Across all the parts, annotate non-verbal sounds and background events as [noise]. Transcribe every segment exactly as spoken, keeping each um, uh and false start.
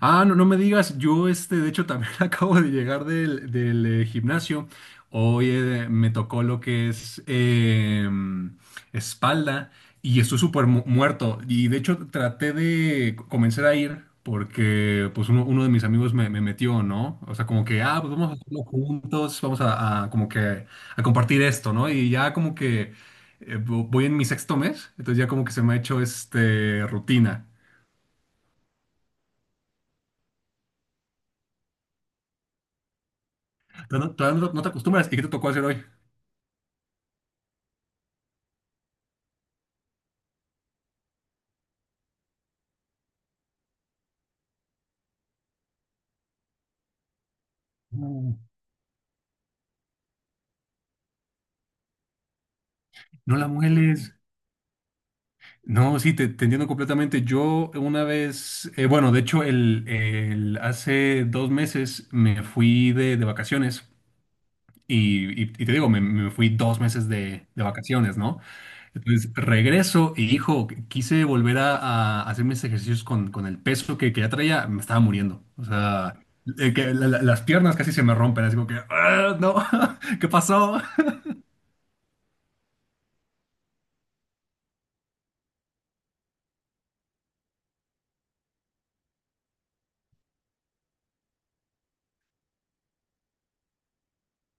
Ah, no, no me digas, yo este, de hecho también [laughs] acabo de llegar del, del, eh, gimnasio. Hoy eh, me tocó lo que es eh, espalda y estoy súper mu- muerto. Y de hecho traté de comenzar a ir porque pues uno, uno de mis amigos me, me metió, ¿no? O sea, como que, ah, pues vamos a hacerlo juntos, vamos a, a como que a compartir esto, ¿no? Y ya como que eh, vo- voy en mi sexto mes, entonces ya como que se me ha hecho este rutina. Pero no- todavía no, no te acostumbras. ¿Y qué te tocó hacer hoy? No. No la mueles. No, sí, te, te entiendo completamente. Yo una vez, eh, bueno, de hecho, el, el- hace dos meses me fui de, de vacaciones y, y- y te digo, me, me fui dos meses de, de vacaciones, ¿no? Entonces regreso y, hijo, quise volver a, a hacer mis ejercicios con, con el peso que, que ya traía, me estaba muriendo. O sea, eh, que la- la- las piernas casi se me rompen, así como que, "Ah, no, [laughs] ¿qué pasó?".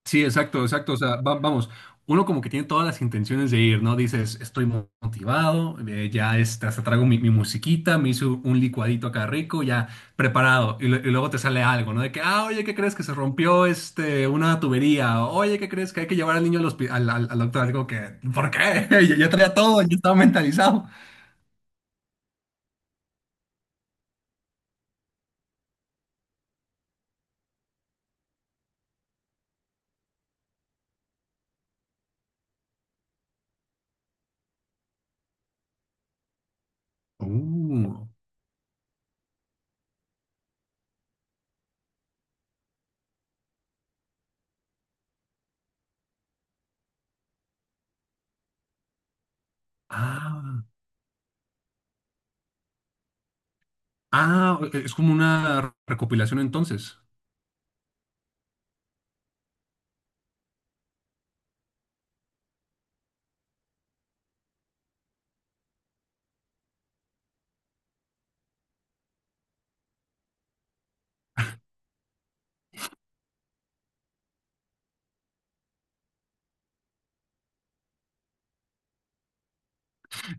Sí, exacto, exacto. O sea, va- vamos, uno como que tiene todas las intenciones de ir, ¿no? Dices, estoy mo- motivado, eh, ya este, hasta traigo mi, mi musiquita, me hizo un licuadito acá rico, ya preparado. Y, lo- y luego te sale algo, ¿no? De que, ah, oye, ¿qué crees que se rompió este, una tubería? Oye, ¿qué crees que hay que llevar al niño al, hospi- al, al- al doctor? Digo que, ¿por qué? [laughs] Yo, yo traía todo, yo estaba mentalizado. Uh, ah, ah, es como una recopilación entonces.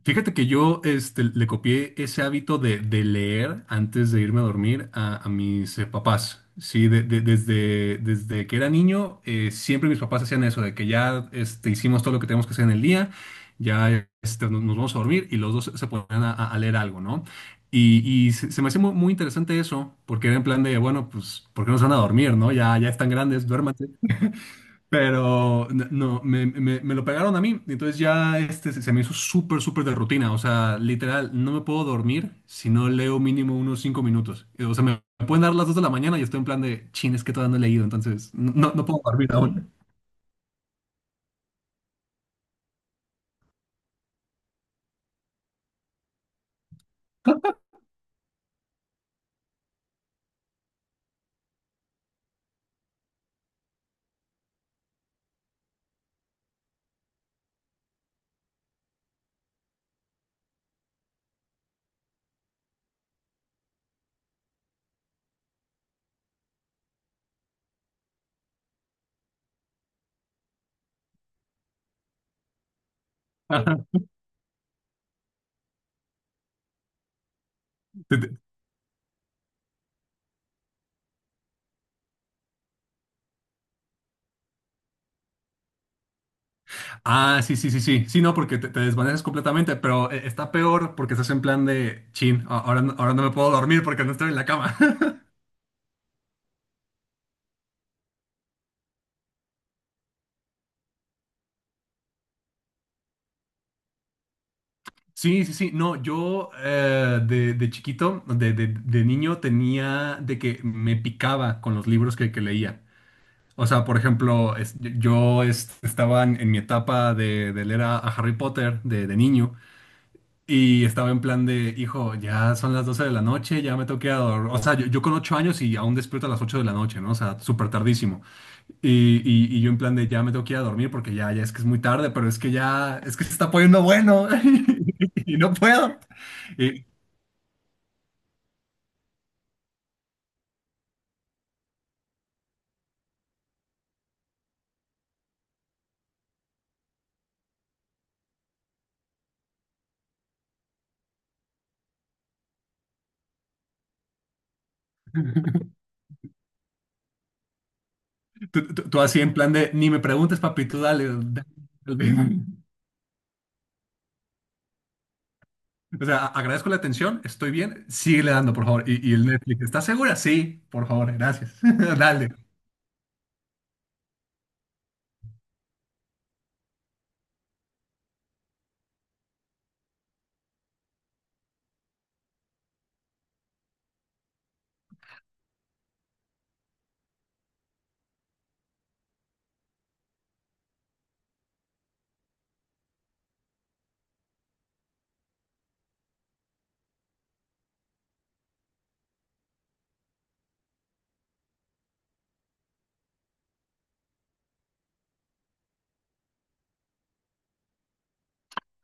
Fíjate que yo este, le copié ese hábito de, de leer antes de irme a dormir a, a mis eh, papás. Sí, de- de- desde, desde que era niño, eh, siempre mis papás hacían eso, de que ya este, hicimos todo lo que teníamos que hacer en el día, ya este, nos, nos vamos a dormir y los dos se ponían a, a leer algo, ¿no? Y, y se, se me hacía muy, muy interesante eso, porque era en plan de, bueno, pues, ¿por qué no se van a dormir, no? Ya, ya están grandes, duerman, pero n- no, me, me- me lo pegaron a mí, entonces ya este, se se me hizo súper, súper de rutina. O sea, literal, no me puedo dormir si no leo mínimo unos cinco minutos. O sea, me pueden dar las dos de la mañana y estoy en plan de, chin, es que todavía no he leído, entonces no, no no puedo dormir aún. Ajá. Te- te- Ah, sí, sí, sí, sí. Sí, no, porque te, te desvaneces completamente, pero eh, está peor porque estás en plan de, chin, a- ahora, no- ahora no me puedo dormir porque no estoy en la cama. [laughs] Sí, sí, sí. No, yo eh, de, de chiquito, de, de- de niño, tenía de que me picaba con los libros que, que leía. O sea, por ejemplo, es- yo es- estaba en, en mi etapa de, de leer a, a Harry Potter de, de niño y estaba en plan de, hijo, ya son las doce de la noche, ya me tengo que ir a dor-" O sea, yo, yo con ocho años y aún despierto a las ocho de la noche, ¿no? O sea, súper tardísimo. Y, y- y yo en plan de ya me tengo que ir a dormir porque ya, ya es que es muy tarde, pero es que ya, es que se está poniendo bueno [laughs] y no puedo. Y tú, tú- tú así en plan de ni me preguntes, papi, tú dale, dale, dale". O sea, a- agradezco la atención, estoy bien, síguele dando, por favor. Y, y el Netflix, ¿estás segura? Sí, por favor, gracias. [laughs] Dale.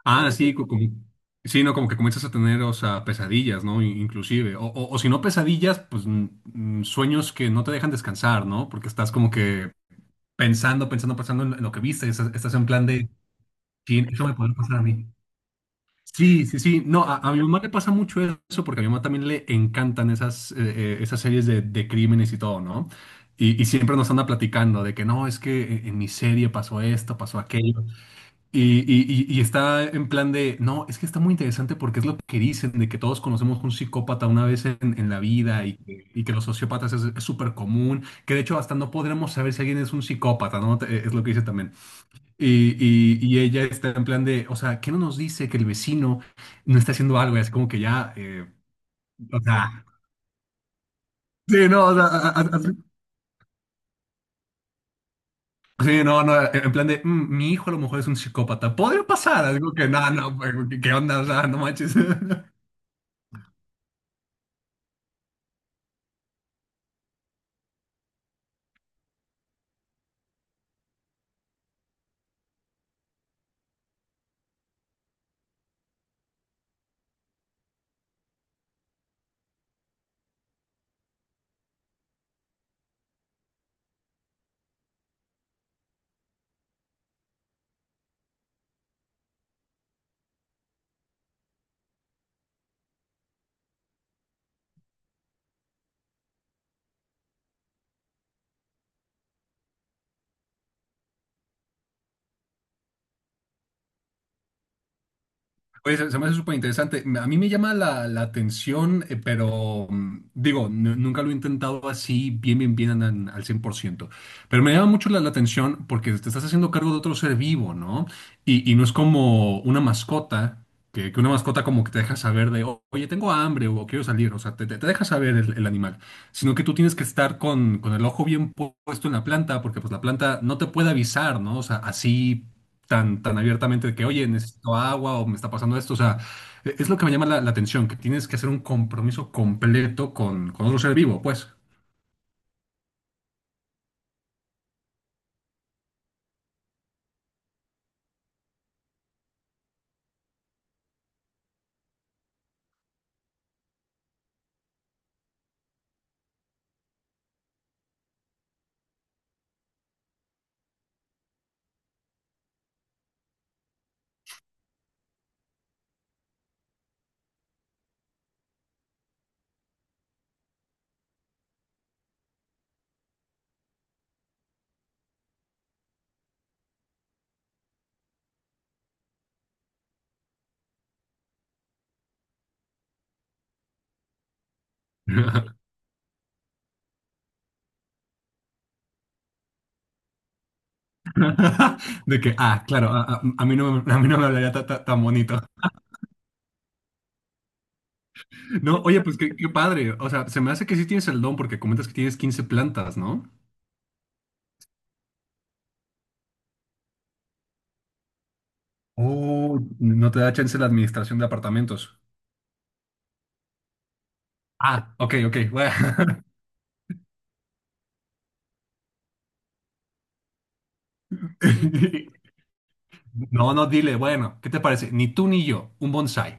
Ah, sí, co- como, sí, no, como que comienzas a tener, o sea, pesadillas, ¿no? In- Inclusive. O, o- o si no pesadillas, pues mm, mm, sueños que no te dejan descansar, ¿no? Porque estás como que pensando, pensando, pensando en lo en lo que viste. Estás, estás en plan de, sí, eso me puede pasar a mí. Sí, sí, sí. No, a, a mi mamá le pasa mucho eso porque a mi mamá también le encantan esas, eh, eh, esas series de, de crímenes y todo, ¿no? Y, y siempre nos anda platicando de que no, es que en, en mi serie pasó esto, pasó aquello. Y, y, y, y está en plan de, no, es que está muy interesante porque es lo que dicen, de que todos conocemos un psicópata una vez en, en la vida y, que y que los sociópatas es es súper común, que de hecho hasta no podremos saber si alguien es un psicópata, ¿no? Te- Es lo que dice también. Y, y- y ella está en plan de, o sea, ¿qué no nos dice que el vecino no está haciendo algo? Y así como que ya, eh, o sea, [laughs] sí, no, o sea, a- a- a- sí, no, no, en plan de, "Mm, mi hijo a lo mejor es un psicópata, podría pasar, algo que no, no, pues, ¿qué qué onda?". O sea, no manches. [laughs] Oye, se, se me hace súper interesante. Me- A mí me llama la, la atención, eh, pero mm, digo, nu- nunca lo he intentado así bien, bien, bien an- al cien por ciento. Pero me llama mucho la, la atención porque te estás haciendo cargo de otro ser vivo, ¿no? Y, y no es como una mascota, que, que una mascota como que te deja saber de, "O- oye, tengo hambre o quiero salir", o sea, te, te, te deja saber el, el animal. Sino que tú tienes que estar con, con el ojo bien pu- puesto en la planta porque pues la planta no te puede avisar, ¿no? O sea, así tan, tan abiertamente de que, oye, necesito agua o me está pasando esto. O sea, e- es lo que me llama la, la atención, que tienes que hacer un compromiso completo con, con otro ser vivo, pues. [laughs] De que, ah, claro, a, a- a mí no, me- a mí no me hablaría ta- ta- tan bonito. No, oye, pues qué, qué padre. O sea, se me hace que sí tienes el don porque comentas que tienes quince plantas, ¿no? Oh, no te da chance la administración de apartamentos. Ah, ok, ok, bueno. [laughs] No, no, dile, bueno, ¿qué te parece? Ni tú ni yo, un bonsai.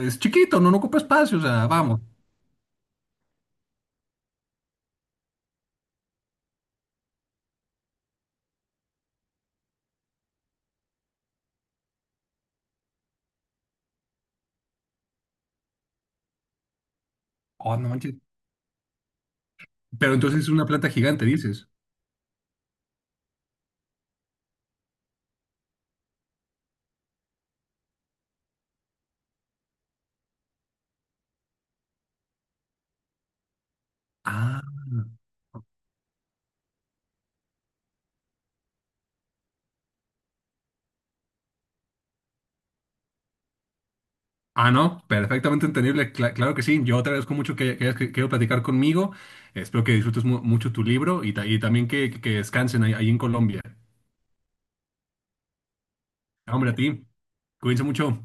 Es chiquito, no, no ocupa espacio, o sea, vamos. Oh, no manches. Pero entonces es una planta gigante, dices. Ah, ah, no, perfectamente entendible, cla- claro que sí. Yo te agradezco mucho que, que hayas que- querido platicar conmigo. Espero que disfrutes mu- mucho tu libro y, ta- y también que, que descansen ahí, ahí en Colombia. No, hombre, a ti. Cuídense mucho.